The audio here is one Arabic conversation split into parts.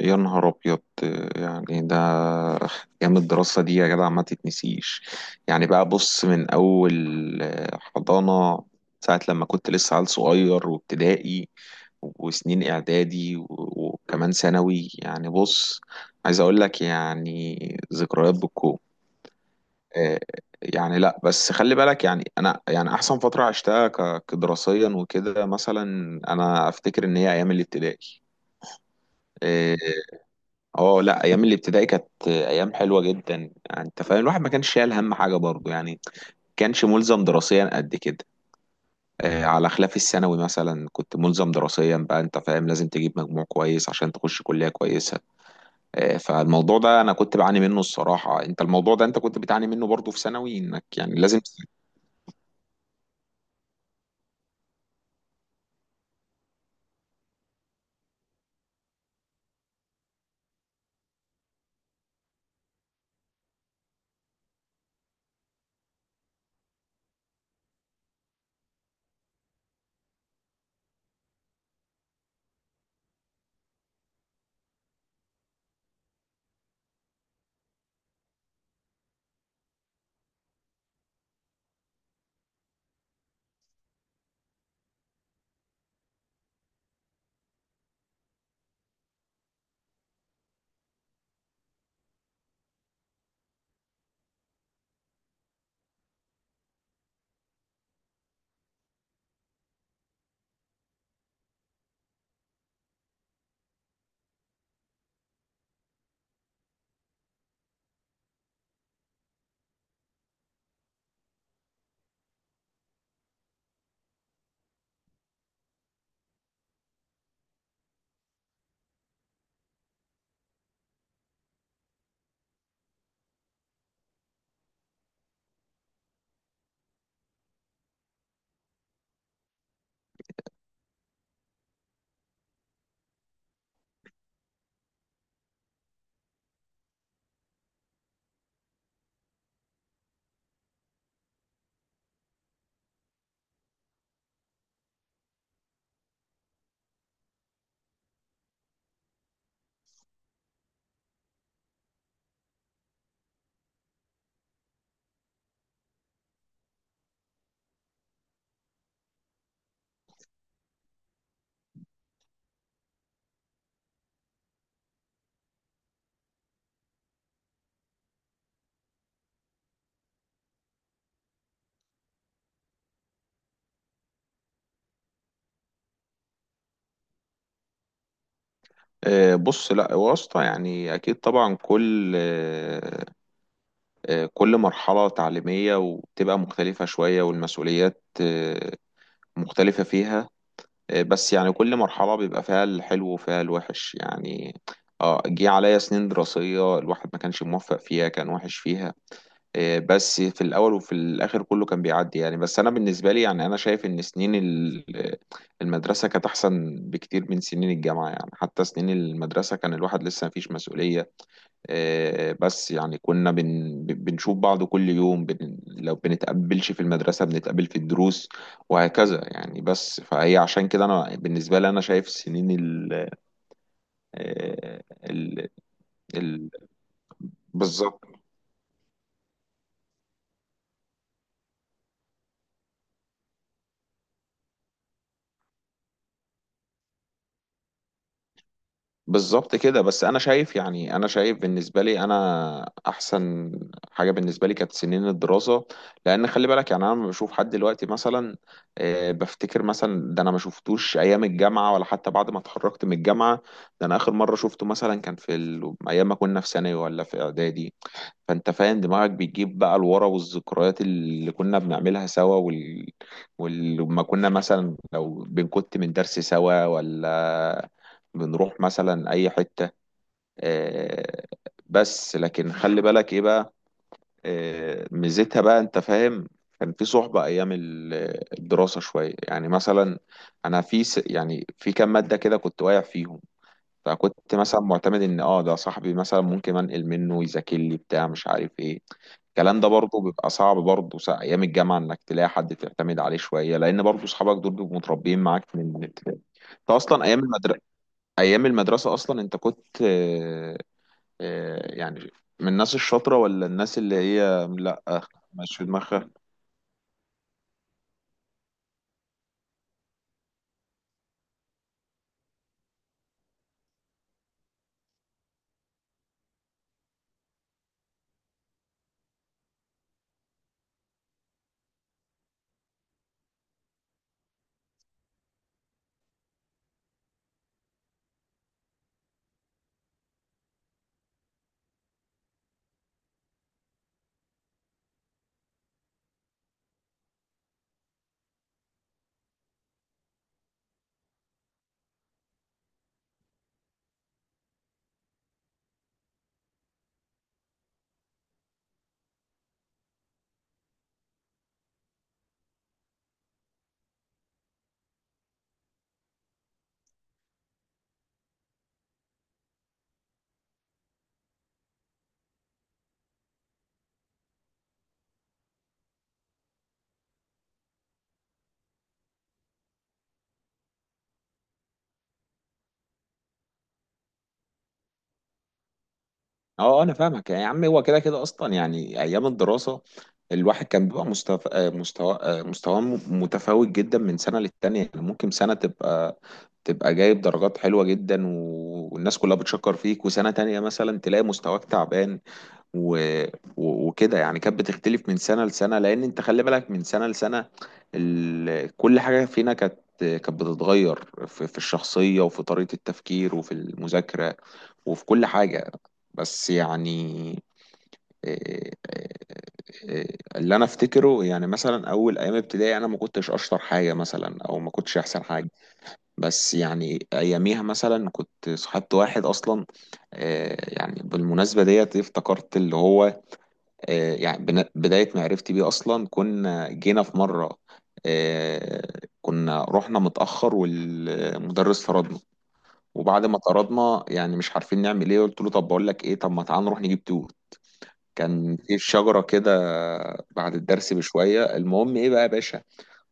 يا نهار ابيض. يعني ده ايام الدراسه دي يا جدع ما تتنسيش. يعني بقى بص، من اول حضانه ساعه لما كنت لسه عيل صغير، وابتدائي وسنين اعدادي و- وكمان ثانوي. يعني بص، عايز اقول لك يعني ذكريات بالكوم. آه، يعني لا بس خلي بالك، يعني انا يعني احسن فتره عشتها كدراسيا وكده، مثلا انا افتكر ان هي ايام الابتدائي. آه، اه لا، ايام الابتدائي كانت ايام حلوه جدا، يعني انت فاهم الواحد ما كانش شايل هم حاجه برضه، يعني كانش ملزم دراسيا قد كده. على خلاف الثانوي مثلا، كنت ملزم دراسيا بقى، انت فاهم لازم تجيب مجموع كويس عشان تخش كليه كويسه. فالموضوع ده انا كنت بعاني منه الصراحه، انت الموضوع ده انت كنت بتعاني منه برضه في ثانوي، انك يعني لازم. بص، لا واسطة، يعني أكيد طبعا، كل آه، آه، كل مرحلة تعليمية وبتبقى مختلفة شوية، والمسؤوليات مختلفة فيها. بس يعني كل مرحلة بيبقى فيها الحلو وفيها الوحش، يعني اه جه عليا سنين دراسية الواحد ما كانش موفق فيها، كان وحش فيها. بس في الأول وفي الآخر كله كان بيعدي يعني. بس أنا بالنسبة لي، يعني أنا شايف إن المدرسة كانت أحسن بكتير من سنين الجامعة. يعني حتى سنين المدرسة كان الواحد لسه مفيش مسؤولية. بس يعني كنا بنشوف بعض كل يوم، لو بنتقابلش في المدرسة بنتقابل في الدروس وهكذا يعني. بس فهي عشان كده أنا بالنسبة لي أنا شايف سنين ال آه، ال ال بالظبط. بالظبط كده. بس انا شايف، يعني انا شايف بالنسبه لي انا احسن حاجه بالنسبه لي كانت سنين الدراسه، لان خلي بالك يعني انا لما بشوف حد دلوقتي مثلا، بفتكر مثلا ده انا ما شفتوش ايام الجامعه ولا حتى بعد ما اتخرجت من الجامعه. ده انا اخر مره شفته مثلا كان في ايام ما كنا في ثانوي ولا في اعدادي. فانت فاهم، دماغك بتجيب بقى لورا والذكريات اللي كنا بنعملها سوا، ولما كنا مثلا لو بنكت من درس سوا، ولا بنروح مثلا اي حتة. آه، بس لكن خلي بالك ايه بقى. ميزتها بقى، انت فاهم، كان في صحبة ايام الدراسة شوية، يعني مثلا انا في يعني في كام مادة كده كنت واقع فيهم. فكنت مثلا معتمد ان اه ده صاحبي مثلا ممكن انقل منه، يذاكر لي بتاع مش عارف ايه. الكلام ده برضه بيبقى صعب برضه، ايام الجامعه انك تلاقي حد تعتمد عليه شويه، لان برضه اصحابك دول بيبقوا متربيين معاك من الابتدائي. انت اصلا ايام المدرسه ايام المدرسه اصلا انت كنت، يعني من الناس الشاطره ولا الناس اللي هي لا، مش في دماغها. اه انا فاهمك يا عم، هو كده كده اصلا يعني ايام الدراسه الواحد كان بيبقى مستوى مستوى آه، مستواه متفاوت جدا من سنه للتانيه. يعني ممكن سنه تبقى جايب درجات حلوه جدا والناس كلها بتشكر فيك، وسنه تانيه مثلا تلاقي مستواك تعبان. و... وكده يعني كانت بتختلف من سنة لسنة، لأن أنت خلي بالك من سنة لسنة كل حاجة فينا كانت كانت بتتغير في الشخصية وفي طريقة التفكير وفي المذاكرة وفي كل حاجة. بس يعني إيه- اللي أنا أفتكره، يعني مثلا أول أيام ابتدائي أنا ما كنتش أشطر حاجة مثلا، أو ما كنتش أحسن حاجة. بس يعني أياميها مثلا كنت صاحبت واحد أصلا. يعني بالمناسبة ديت افتكرت اللي هو، بداية معرفتي بيه أصلا كنا جينا في مرة. آه، كنا رحنا متأخر والمدرس طردنا. وبعد ما طردنا يعني مش عارفين نعمل إيه، قلت له طب بقول لك إيه، طب ما تعال نروح نجيب توت. كان في شجرة كده بعد الدرس بشوية. المهم إيه بقى يا باشا،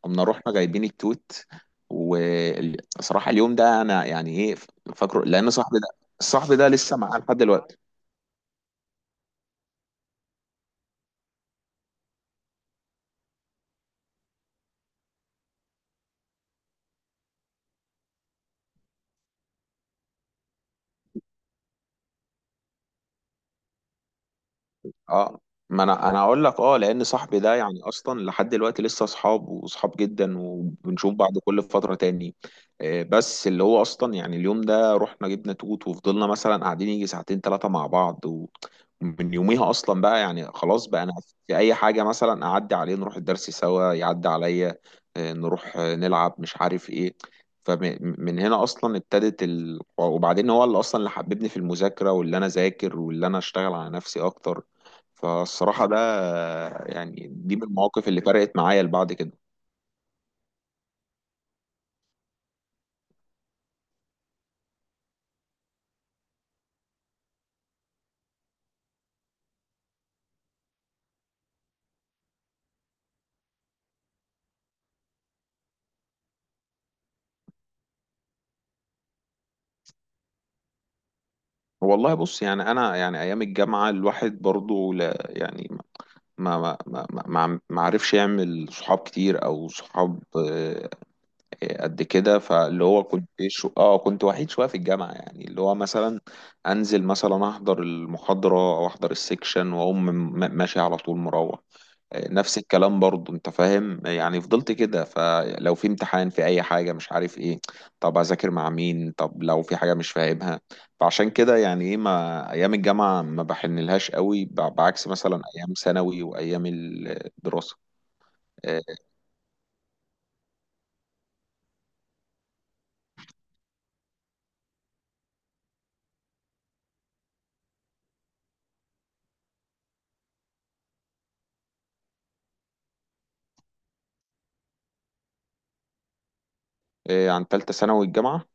قمنا رحنا جايبين التوت. وصراحة اليوم ده أنا يعني إيه فاكره، لأن صاحبي ده صاحبي ده لسه معاه لحد دلوقتي. اه، ما انا اقول لك اه، لان صاحبي ده يعني اصلا لحد دلوقتي لسه اصحاب واصحاب جدا، وبنشوف بعض كل فتره تاني. بس اللي هو اصلا، يعني اليوم ده رحنا جبنا توت وفضلنا مثلا قاعدين يجي ساعتين ثلاثه مع بعض، ومن يوميها اصلا بقى يعني خلاص بقى انا في اي حاجه مثلا اعدي عليه نروح الدرس سوا، يعدي عليا. نروح نلعب مش عارف ايه. فمن هنا اصلا ابتدت وبعدين هو اللي اصلا اللي حببني في المذاكره، واللي انا ذاكر واللي انا اشتغل على نفسي اكتر. فالصراحة ده يعني دي من المواقف اللي فرقت معايا لبعد كده. والله بص، يعني أنا يعني أيام الجامعة الواحد برضو لا يعني ما عرفش يعمل صحاب كتير أو صحاب قد كده. فاللي هو كنت شو اه كنت وحيد شوية في الجامعة، يعني اللي هو مثلا أنزل مثلا أحضر المحاضرة أو أحضر السكشن وأقوم ماشي على طول مروح. نفس الكلام برضو انت فاهم، يعني فضلت كده. فلو في امتحان في اي حاجة مش عارف ايه، طب اذاكر مع مين، طب لو في حاجة مش فاهمها. فعشان كده يعني ايه، ما ايام الجامعة ما بحنلهاش قوي، بعكس مثلا ايام ثانوي وايام الدراسة. إيه عن تالتة ثانوي الجامعة؟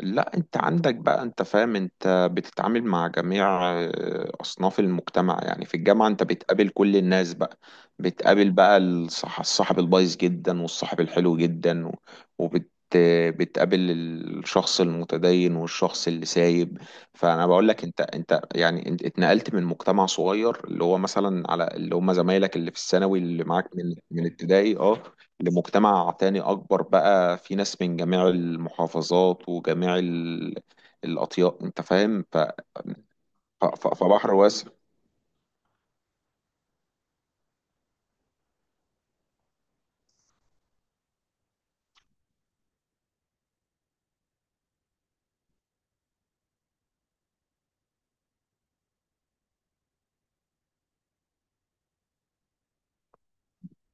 لا، انت عندك بقى انت فاهم، انت بتتعامل مع جميع اصناف المجتمع. يعني في الجامعة انت بتقابل كل الناس بقى، بتقابل بقى الصاحب البايظ جدا والصاحب الحلو جدا، و- وبت آه، بتقابل الشخص المتدين والشخص اللي سايب. فانا بقول لك انت يعني انت اتنقلت من مجتمع صغير، اللي هو مثلا على اللي هم زمايلك اللي في الثانوي اللي معاك من ابتدائي اه، لمجتمع تاني أكبر، بقى في ناس من جميع المحافظات وجميع الأطياف. أنت فاهم، فبحر واسع.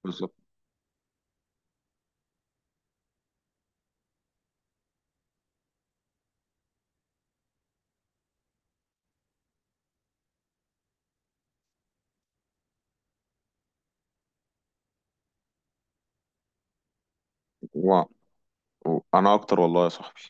بالظبط. و... أنا أكتر والله يا صاحبي.